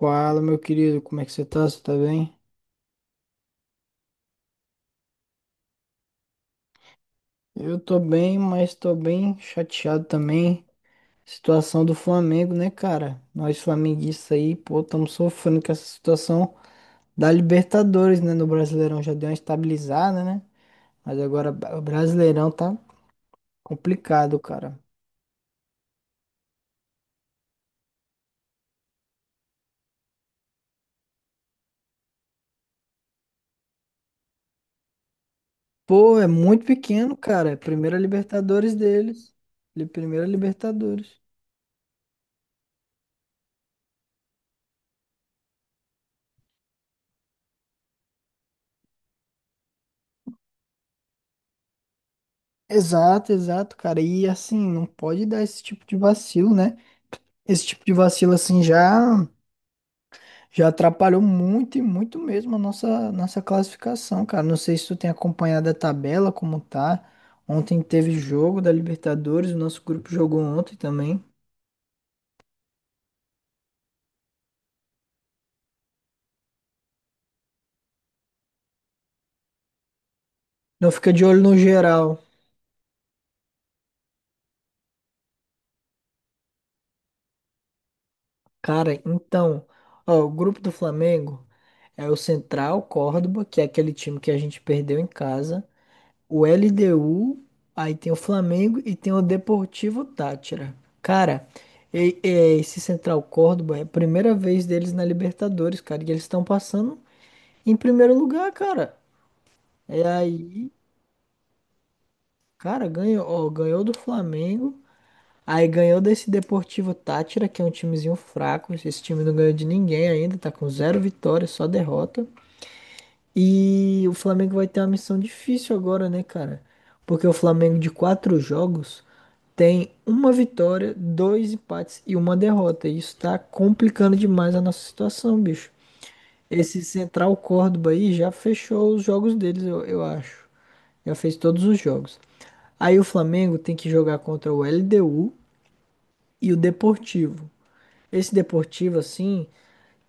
Fala, meu querido, como é que você tá? Você tá bem? Eu tô bem, mas tô bem chateado também. Situação do Flamengo, né, cara? Nós flamenguistas aí, pô, estamos sofrendo com essa situação da Libertadores, né? No Brasileirão já deu uma estabilizada, né? Mas agora o Brasileirão tá complicado, cara. Pô, é muito pequeno, cara. É a primeira Libertadores deles. Primeira Libertadores. Exato, exato, cara. E assim, não pode dar esse tipo de vacilo, né? Esse tipo de vacilo assim já atrapalhou muito e muito mesmo a nossa classificação, cara. Não sei se tu tem acompanhado a tabela como tá. Ontem teve jogo da Libertadores, o nosso grupo jogou ontem também. Não fica de olho no geral. Cara, então, ó, o grupo do Flamengo é o Central Córdoba, que é aquele time que a gente perdeu em casa. O LDU, aí tem o Flamengo e tem o Deportivo Táchira. Cara, e esse Central Córdoba é a primeira vez deles na Libertadores, cara, e eles estão passando em primeiro lugar, cara. E aí, cara, ganhou, ó, ganhou do Flamengo, aí ganhou desse Deportivo Táchira, que é um timezinho fraco, esse time não ganhou de ninguém ainda, tá com zero vitórias, só derrota. E o Flamengo vai ter uma missão difícil agora, né, cara? Porque o Flamengo de quatro jogos tem uma vitória, dois empates e uma derrota. E isso tá complicando demais a nossa situação, bicho. Esse Central Córdoba aí já fechou os jogos deles, eu acho. Já fez todos os jogos. Aí o Flamengo tem que jogar contra o LDU e o Deportivo. Esse Deportivo, assim,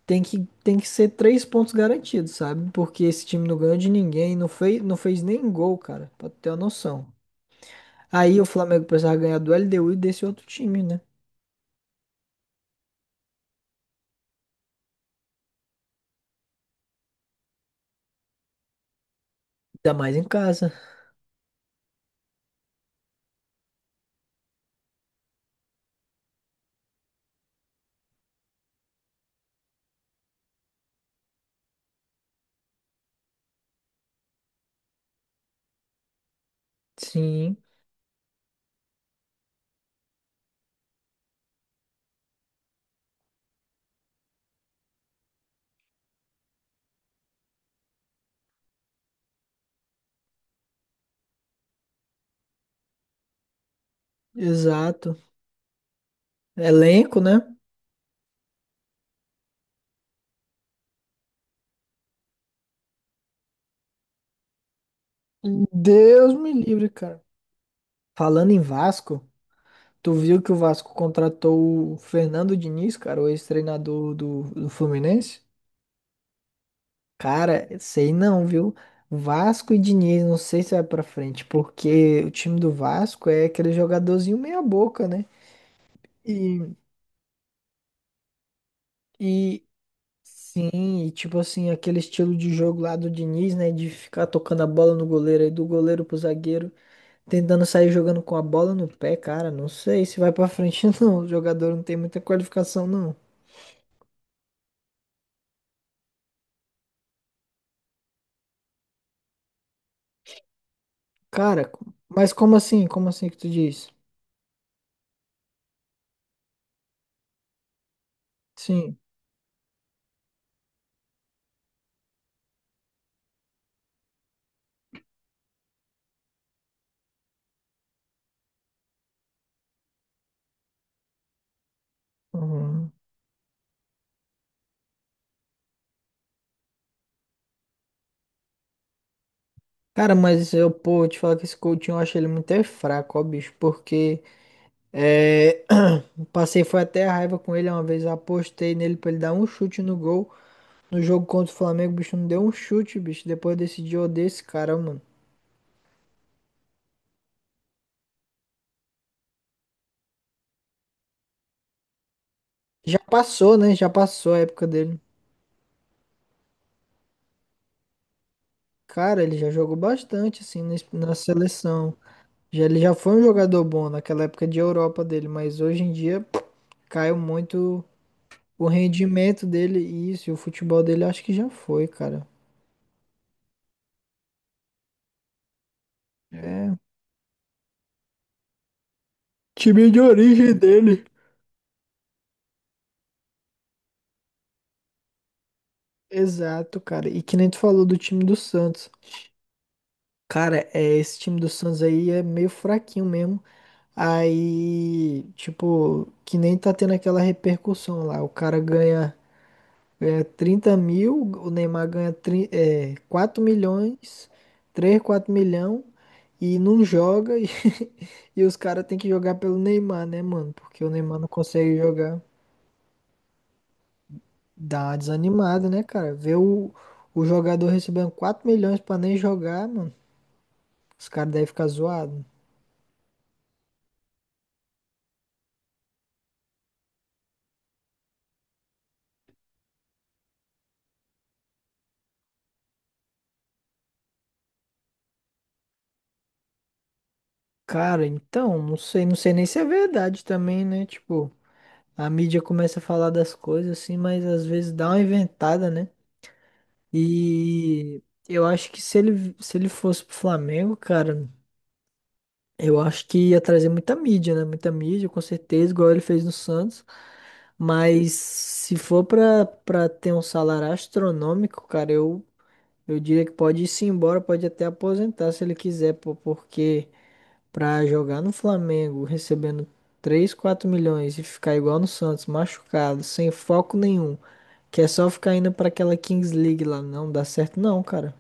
tem que ser três pontos garantidos, sabe? Porque esse time não ganhou de ninguém, não fez nem gol, cara, pra tu ter uma noção. Aí o Flamengo precisava ganhar do LDU e desse outro time, né? Ainda mais em casa. Sim, exato. Elenco, né? Deus me livre, cara. Falando em Vasco, tu viu que o Vasco contratou o Fernando Diniz, cara, o ex-treinador do Fluminense? Cara, sei não, viu? Vasco e Diniz, não sei se vai pra frente, porque o time do Vasco é aquele jogadorzinho meia boca, né? E, e sim, e tipo assim, aquele estilo de jogo lá do Diniz, né? De ficar tocando a bola no goleiro aí, do goleiro pro zagueiro. Tentando sair jogando com a bola no pé, cara. Não sei se vai pra frente, não. O jogador não tem muita qualificação, não. Cara, mas como assim? Como assim que tu diz? Sim. Uhum. Cara, mas eu, pô, eu te falar que esse Coutinho eu achei ele muito é fraco, ó, bicho. Porque é, passei, foi até a raiva com ele uma vez. Eu apostei nele pra ele dar um chute no gol. No jogo contra o Flamengo, o bicho não deu um chute, bicho. Depois eu decidi odiar esse cara, mano. Já passou, né? Já passou a época dele. Cara, ele já jogou bastante, assim, na na seleção. Já, ele já foi um jogador bom naquela época de Europa dele, mas hoje em dia caiu muito o rendimento dele e isso, e o futebol dele acho que já foi, cara. É, time de origem dele. Exato, cara. E que nem tu falou do time do Santos. Cara, é, esse time do Santos aí é meio fraquinho mesmo. Aí, tipo, que nem tá tendo aquela repercussão lá. O cara ganha 30 mil, o Neymar ganha 4 milhões, três quatro milhões e não joga. E, e os caras têm que jogar pelo Neymar, né, mano? Porque o Neymar não consegue jogar. Dá uma desanimada, né, cara? Ver o jogador recebendo 4 milhões pra nem jogar, mano. Os caras devem ficar zoados. Cara, então, não sei, não sei nem se é verdade também, né? Tipo, a mídia começa a falar das coisas assim, mas às vezes dá uma inventada, né? E eu acho que se ele fosse pro Flamengo, cara, eu acho que ia trazer muita mídia, né? Muita mídia, com certeza, igual ele fez no Santos. Mas se for pra ter um salário astronômico, cara, eu diria que pode ir se embora, pode até aposentar se ele quiser, pô, porque pra jogar no Flamengo recebendo 3, 4 milhões e ficar igual no Santos, machucado, sem foco nenhum, que é só ficar indo pra aquela Kings League lá, não dá certo não, cara.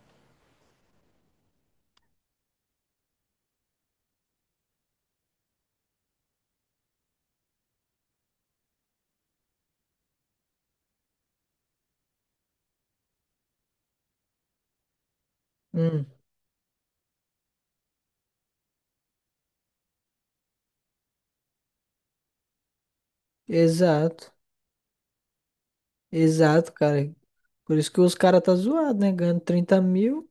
Hum. Exato, exato, cara. Por isso que os caras tá zoado, né? Ganhando 30 mil,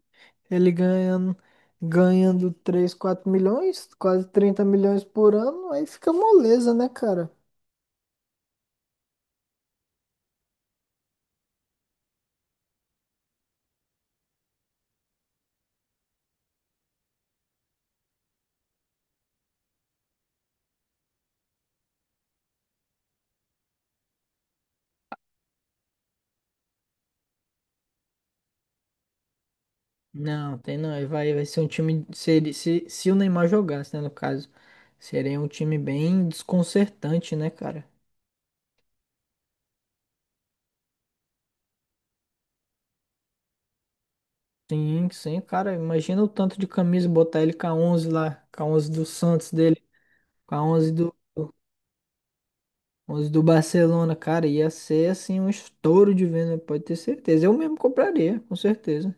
ele ganhando, 3 4 milhões, quase 30 milhões por ano, aí fica moleza, né, cara? Não, tem não. Aí vai ser um time. Se o Neymar jogasse, né, no caso, seria um time bem desconcertante, né, cara? Sim, sim, cara. Imagina o tanto de camisa botar ele com a 11 lá, com a 11 do Santos dele, com a 11 do. Os do Barcelona, cara, ia ser assim um estouro de venda, pode ter certeza. Eu mesmo compraria, com certeza.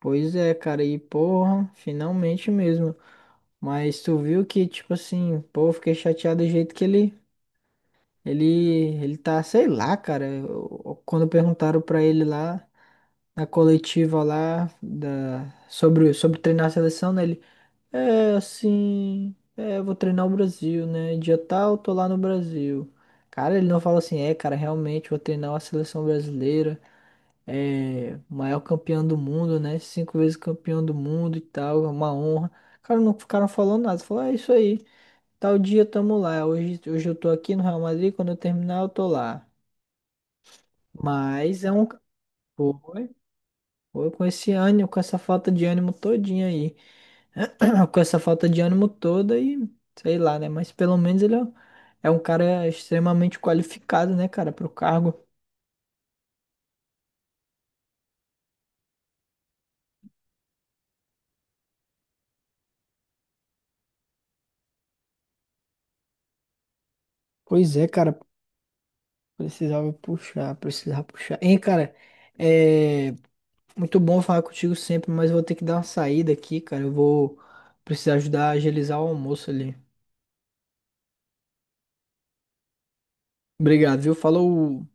Pois é, cara, e porra, finalmente mesmo. Mas tu viu que, tipo assim, pô, eu fiquei chateado do jeito que ele, ele tá, sei lá, cara. Quando perguntaram pra ele lá, na coletiva lá, sobre treinar a seleção, né? É, assim, é, eu vou treinar o Brasil, né? Dia tal, tô lá no Brasil. Cara, ele não fala assim, é, cara, realmente vou treinar a seleção brasileira, é, o maior campeão do mundo, né? Cinco vezes campeão do mundo e tal, é uma honra. Cara, não ficaram falando nada, falou, é isso aí, tal dia tamo lá, hoje eu tô aqui no Real Madrid, quando eu terminar eu tô lá. Mas é um. Foi, foi com esse ânimo, com essa falta de ânimo todinha aí. Com essa falta de ânimo toda e sei lá, né? Mas pelo menos ele é um cara extremamente qualificado, né, cara, pro cargo. Pois é, cara, precisava puxar, precisava puxar. Hein, cara, é muito bom falar contigo sempre, mas vou ter que dar uma saída aqui, cara. Eu vou precisar ajudar a agilizar o almoço ali. Obrigado, viu? Falou.